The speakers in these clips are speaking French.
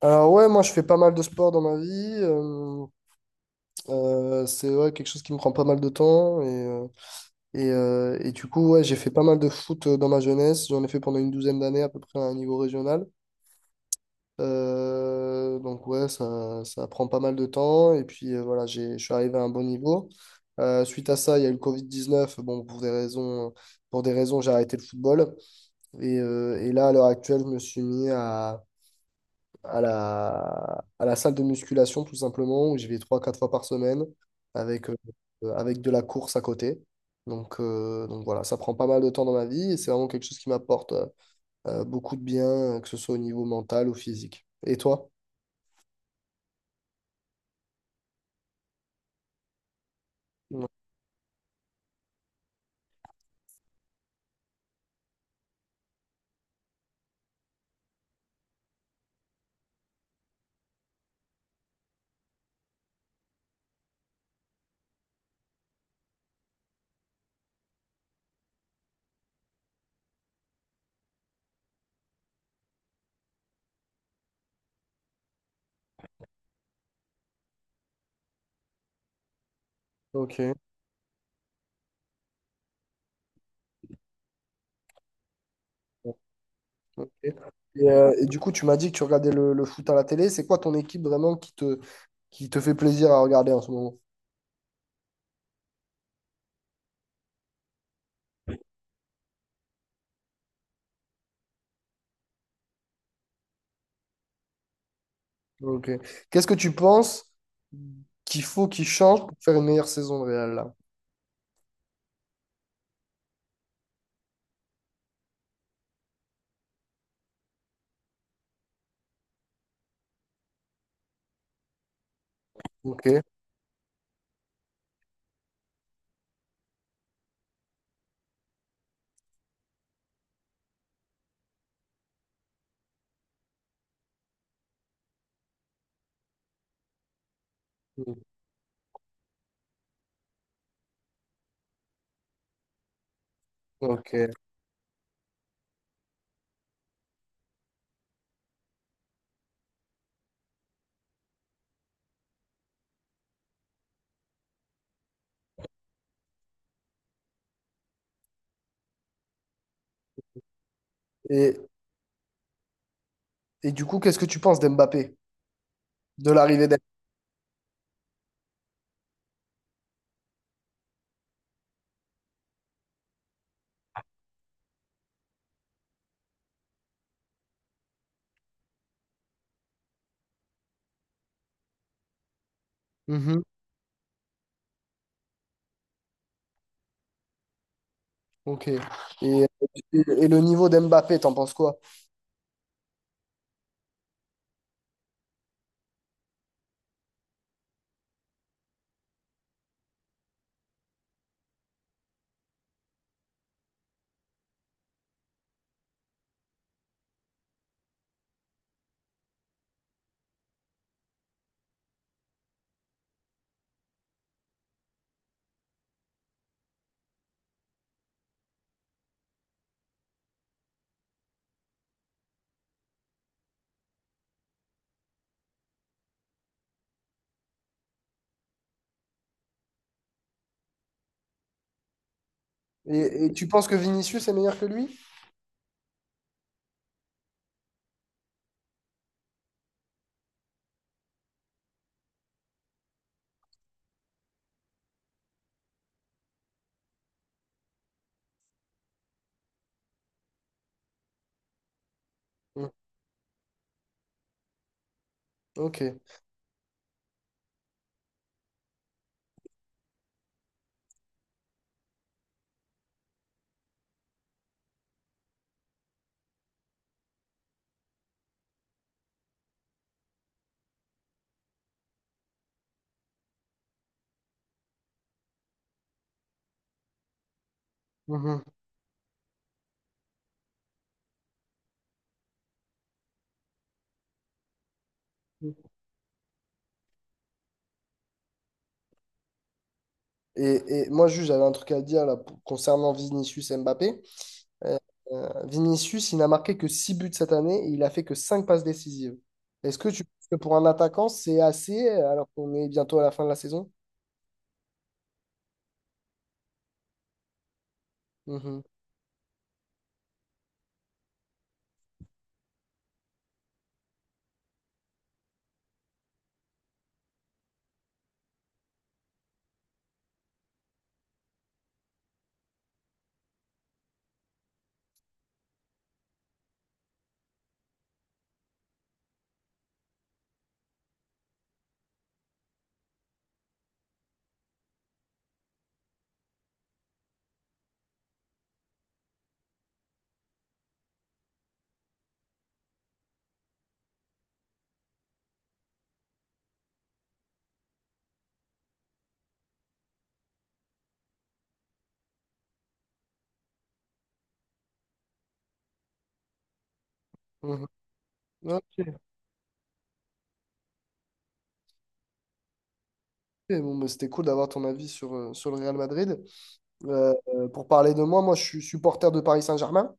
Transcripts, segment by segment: Alors ouais, moi je fais pas mal de sport dans ma vie. euh, c'est ouais, quelque chose qui me prend pas mal de temps. Et du coup, ouais, j'ai fait pas mal de foot dans ma jeunesse. J'en ai fait pendant une douzaine d'années à peu près à un niveau régional. Donc ouais, ça prend pas mal de temps. Et puis voilà, je suis arrivé à un bon niveau. Suite à ça, il y a eu le Covid-19. Bon, pour des raisons, j'ai arrêté le football. Et là, à l'heure actuelle, je me suis mis à la salle de musculation, tout simplement, où j'y vais trois quatre fois par semaine avec, euh, avec de la course à côté. Donc voilà, ça prend pas mal de temps dans ma vie et c'est vraiment quelque chose qui m'apporte beaucoup de bien, que ce soit au niveau mental ou physique. Et toi? Ouais. Ok. Ok. Et du coup, tu m'as dit que tu regardais le foot à la télé. C'est quoi ton équipe vraiment qui te fait plaisir à regarder en ce moment? Ok. Qu'est-ce que tu penses qu'il faut qu'il change pour faire une meilleure saison de Real là? Ok. Mm. Ok. Et, et du coup, qu'est-ce que tu penses d'Mbappé, de l'arrivée d'Mbappé? Mhm. Ok. Et le niveau d'Mbappé, t'en penses quoi? Et tu penses que Vinicius est meilleur que lui? Mm. Ok. Mhm. Et moi, juste, j'avais un truc à dire là, concernant Vinicius et Mbappé. Euh, Vinicius, il n'a marqué que 6 buts cette année et il a fait que 5 passes décisives. Est-ce que tu penses que pour un attaquant, c'est assez alors qu'on est bientôt à la fin de la saison? Mhm, mhm. Ok. Et bon, bah, c'était cool d'avoir ton avis sur, sur le Real Madrid. Pour parler de moi, moi je suis supporter de Paris Saint-Germain.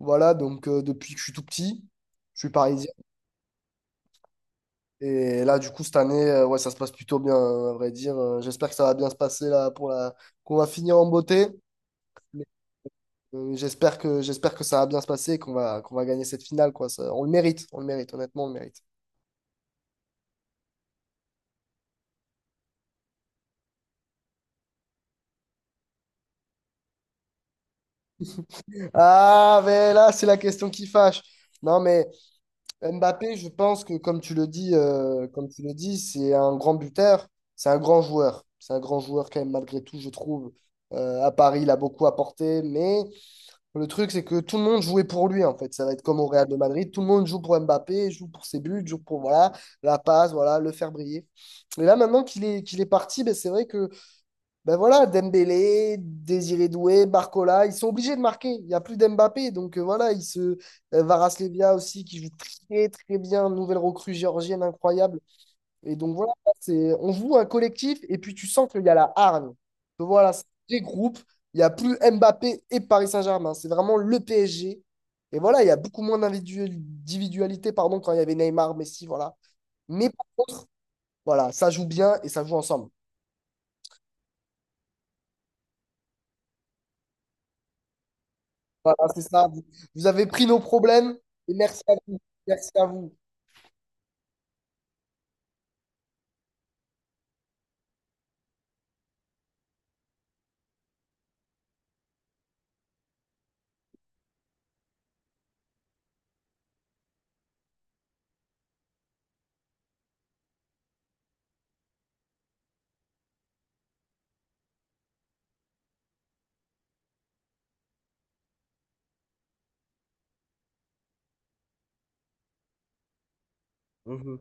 Voilà, donc depuis que je suis tout petit, je suis parisien. Et là, du coup, cette année, ouais, ça se passe plutôt bien, à vrai dire. J'espère que ça va bien se passer là qu'on va finir en beauté. Mais, j'espère que ça va bien se passer et qu'on va gagner cette finale, quoi. On le mérite, on le mérite, honnêtement, on le mérite. Ah, mais là, c'est la question qui fâche. Non, mais. Mbappé, je pense que comme tu le dis, c'est un grand buteur, c'est un grand joueur. C'est un grand joueur quand même malgré tout, je trouve. À Paris, il a beaucoup apporté, mais le truc, c'est que tout le monde jouait pour lui, en fait. Ça va être comme au Real de Madrid, tout le monde joue pour Mbappé, joue pour ses buts, joue pour voilà, la passe, voilà, le faire briller. Et là, maintenant qu'il est parti, ben, c'est vrai que ben voilà, Dembélé, Désiré Doué, Barcola, ils sont obligés de marquer. Il n'y a plus d'Mbappé. Donc voilà, il se. Varas aussi, qui joue très très bien. Nouvelle recrue géorgienne incroyable. Et donc voilà, on joue un collectif et puis tu sens qu'il y a la hargne. Que voilà, c'est des groupes. Il n'y a plus Mbappé et Paris Saint-Germain, hein. C'est vraiment le PSG. Et voilà, il y a beaucoup moins d'individualité, pardon, quand il y avait Neymar, Messi, voilà. Mais par contre, voilà, ça joue bien et ça joue ensemble. Voilà, c'est ça. Vous, vous avez pris nos problèmes et merci à vous. Merci à vous. Mhm.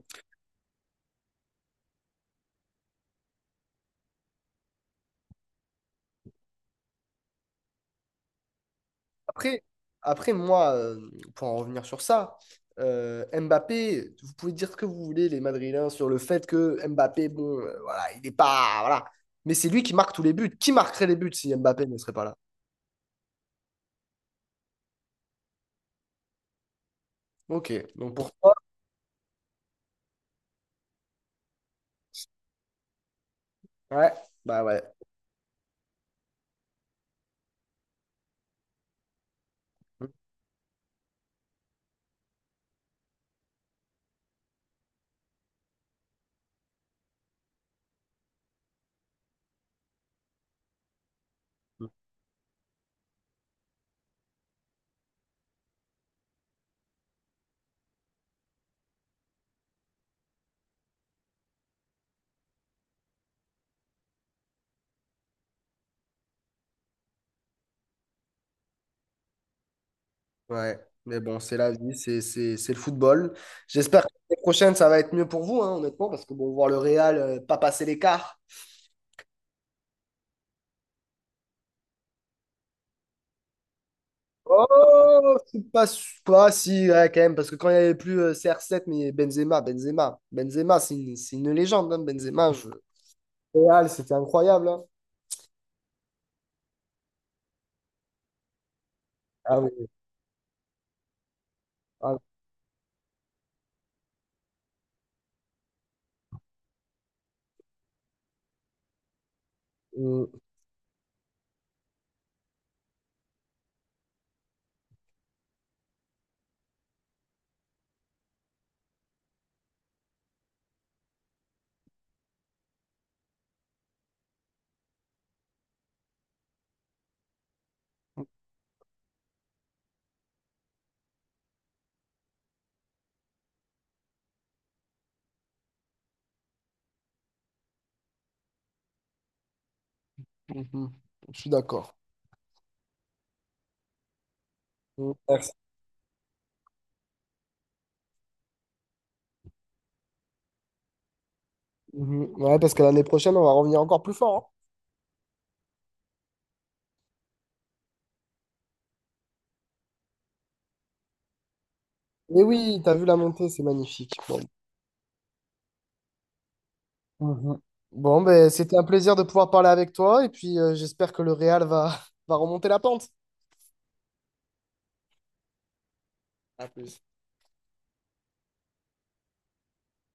Après, après moi, pour en revenir sur ça, Mbappé, vous pouvez dire ce que vous voulez, les Madrilènes, sur le fait que Mbappé, bon, voilà, il n'est pas. Voilà. Mais c'est lui qui marque tous les buts. Qui marquerait les buts si Mbappé ne serait pas là? Ok. Donc pour toi, ouais, bah ouais. Ouais. Mais bon, c'est la vie, c'est le football. J'espère que l'année prochaine, ça va être mieux pour vous, hein, honnêtement, parce que bon, voir le Real, pas passer l'écart. Oh, c'est pas, pas si, ouais, quand même, parce que quand il n'y avait plus CR7, mais Benzema, Benzema, Benzema, c'est une légende, hein, Benzema. Real, c'était incroyable, hein. Ah oui, ah, euh, mhm, je suis d'accord. Mhm, merci. Mhm, ouais, parce que l'année prochaine, on va revenir encore plus fort, hein. Mais oui, t'as vu la montée, c'est magnifique. Bon, mhm. Bon, ben, c'était un plaisir de pouvoir parler avec toi, et puis j'espère que le Real va, va remonter la pente. À plus.